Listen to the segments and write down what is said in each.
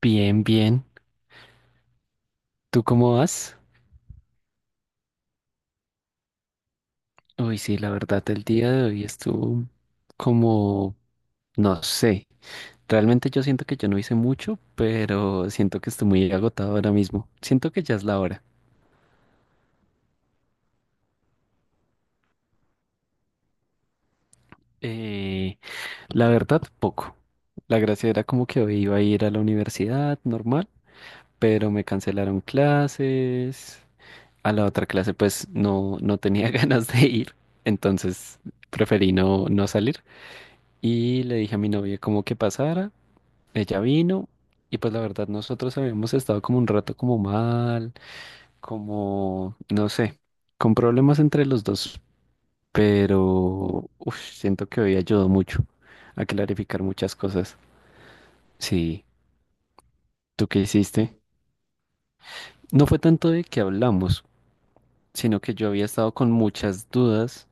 Bien, bien. ¿Tú cómo vas? Uy, sí, la verdad, el día de hoy estuvo como, no sé. Realmente yo siento que yo no hice mucho, pero siento que estoy muy agotado ahora mismo. Siento que ya es la hora. Eh, la verdad, poco. La gracia era como que hoy iba a ir a la universidad normal, pero me cancelaron clases. A la otra clase, pues no, no tenía ganas de ir, entonces preferí no, no salir. Y le dije a mi novia como que pasara, ella vino y pues la verdad nosotros habíamos estado como un rato como mal, como, no sé, con problemas entre los dos, pero uf, siento que hoy ayudó mucho a clarificar muchas cosas. Sí, ¿tú qué hiciste? No fue tanto de que hablamos, sino que yo había estado con muchas dudas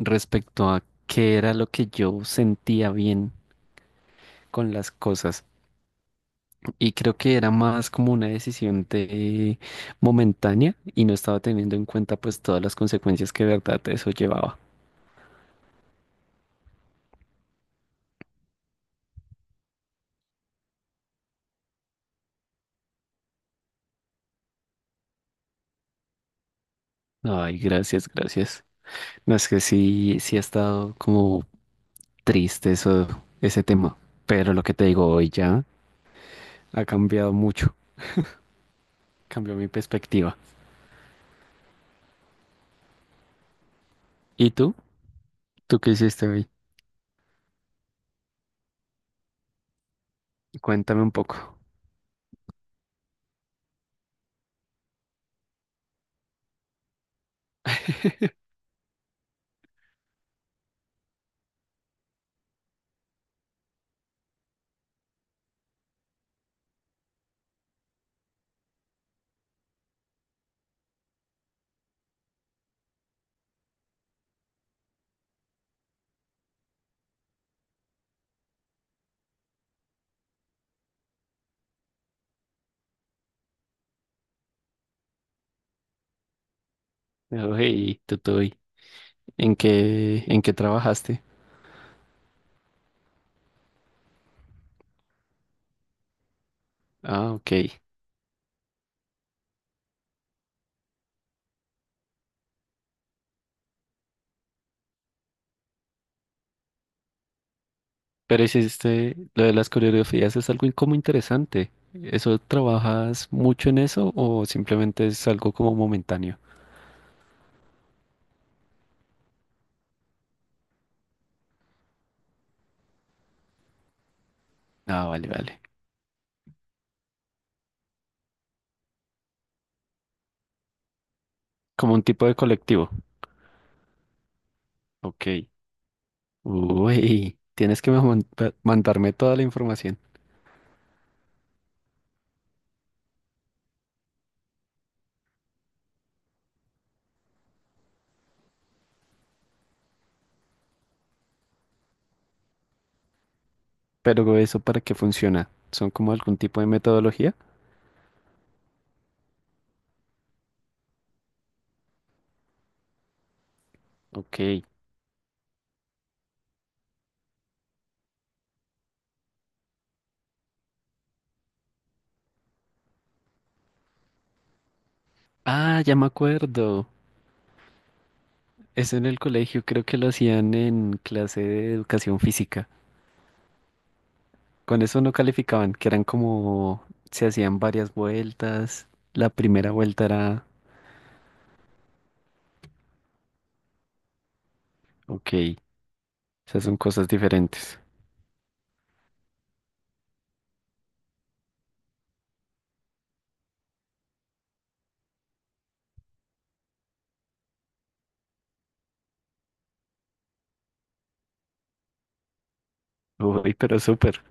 respecto a qué era lo que yo sentía bien con las cosas. Y creo que era más como una decisión de momentánea y no estaba teniendo en cuenta pues todas las consecuencias que de verdad eso llevaba. Ay, gracias, gracias. No es que sí, sí ha estado como triste eso, ese tema, pero lo que te digo hoy ya ha cambiado mucho, cambió mi perspectiva. ¿Y tú? ¿Tú qué hiciste hoy? Cuéntame un poco. Hey, tú, ¿en qué trabajaste? Ah, ok. Pero hiciste lo de las coreografías es algo como interesante. ¿Eso trabajas mucho en eso o simplemente es algo como momentáneo? Ah, vale, vale. Como un tipo de colectivo. Ok. Uy, tienes que mandarme toda la información. ¿Pero eso para qué funciona? ¿Son como algún tipo de metodología? Ok. Ah, ya me acuerdo. Eso en el colegio creo que lo hacían en clase de educación física. Con eso no calificaban, que eran como, se hacían varias vueltas. La primera vuelta era, ok, esas son cosas diferentes. Uy, pero súper.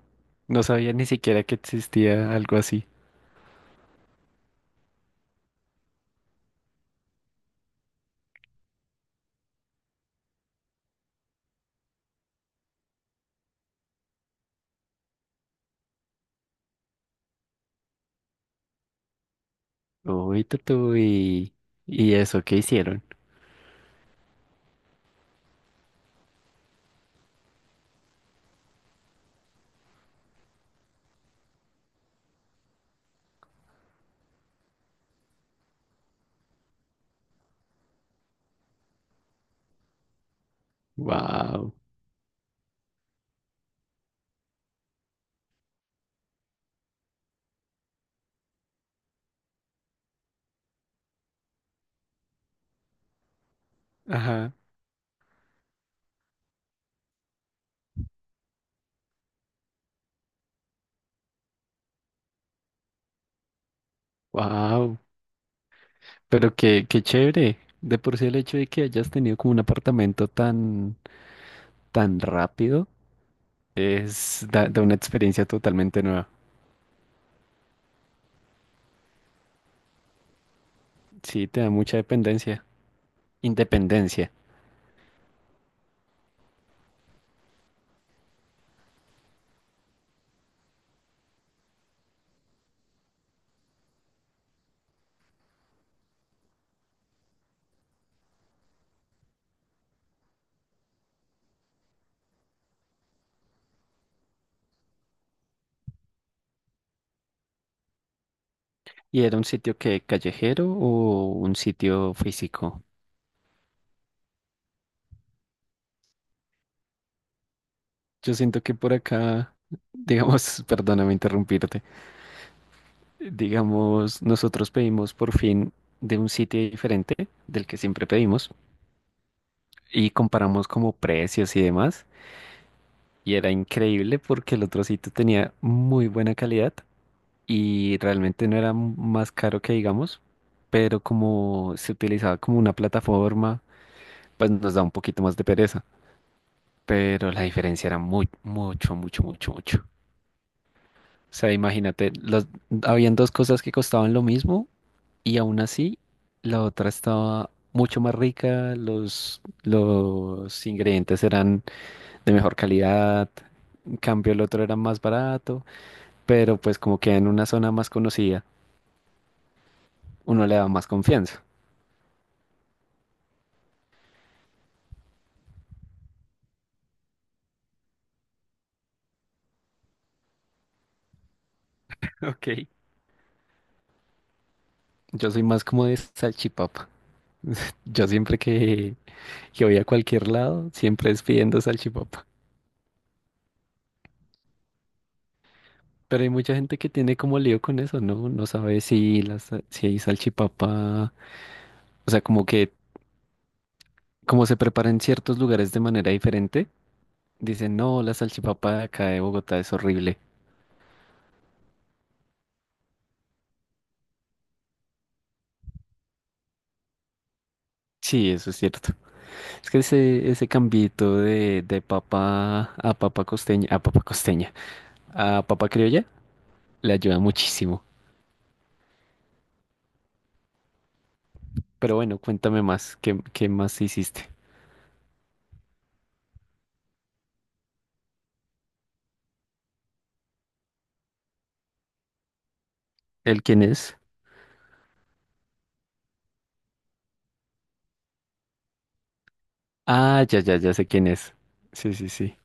No sabía ni siquiera que existía algo así. Uy, tutu, y eso, ¿qué hicieron? Wow. Ajá. Wow. Pero qué chévere. De por sí el hecho de que hayas tenido como un apartamento tan, tan rápido es da da una experiencia totalmente nueva. Sí, te da mucha dependencia. Independencia. ¿Y era un sitio que callejero o un sitio físico? Yo siento que por acá, digamos, perdóname interrumpirte, digamos, nosotros pedimos por fin de un sitio diferente del que siempre pedimos y comparamos como precios y demás. Y era increíble porque el otro sitio tenía muy buena calidad y realmente no era más caro que digamos, pero como se utilizaba como una plataforma, pues nos da un poquito más de pereza. Pero la diferencia era muy, mucho, mucho, mucho, mucho. O sea, imagínate, habían dos cosas que costaban lo mismo y aún así la otra estaba mucho más rica, los ingredientes eran de mejor calidad, en cambio el otro era más barato, pero pues como queda en una zona más conocida, uno le da más confianza. Ok. Yo soy más como de salchipapa. Yo siempre que voy a cualquier lado, siempre es pidiendo salchipapa. Pero hay mucha gente que tiene como lío con eso, ¿no? No sabe si hay salchipapa, o sea, como que como se prepara en ciertos lugares de manera diferente, dicen, no, la salchipapa de acá de Bogotá es horrible. Sí, eso es cierto. Es que ese cambito de papa a papa costeña, a papa costeña, a papa criolla, le ayuda muchísimo. Pero bueno, cuéntame más, ¿qué más hiciste? ¿El quién es? Ah, ya, ya, ya sé quién es. Sí, sí, sí.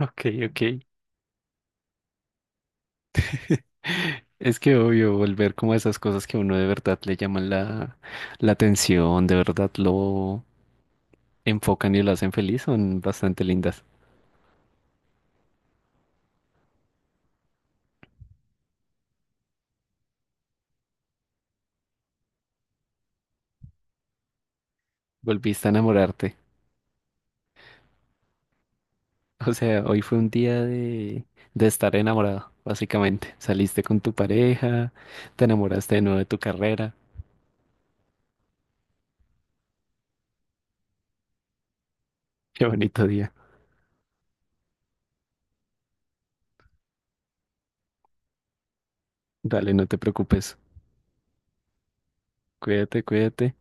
Ok, ok. Es que obvio, volver como a esas cosas que a uno de verdad le llaman la atención, de verdad lo enfocan y lo hacen feliz, son bastante lindas. Volviste a enamorarte. O sea, hoy fue un día de estar enamorado, básicamente. Saliste con tu pareja, te enamoraste de nuevo de tu carrera. Qué bonito día. Dale, no te preocupes. Cuídate, cuídate.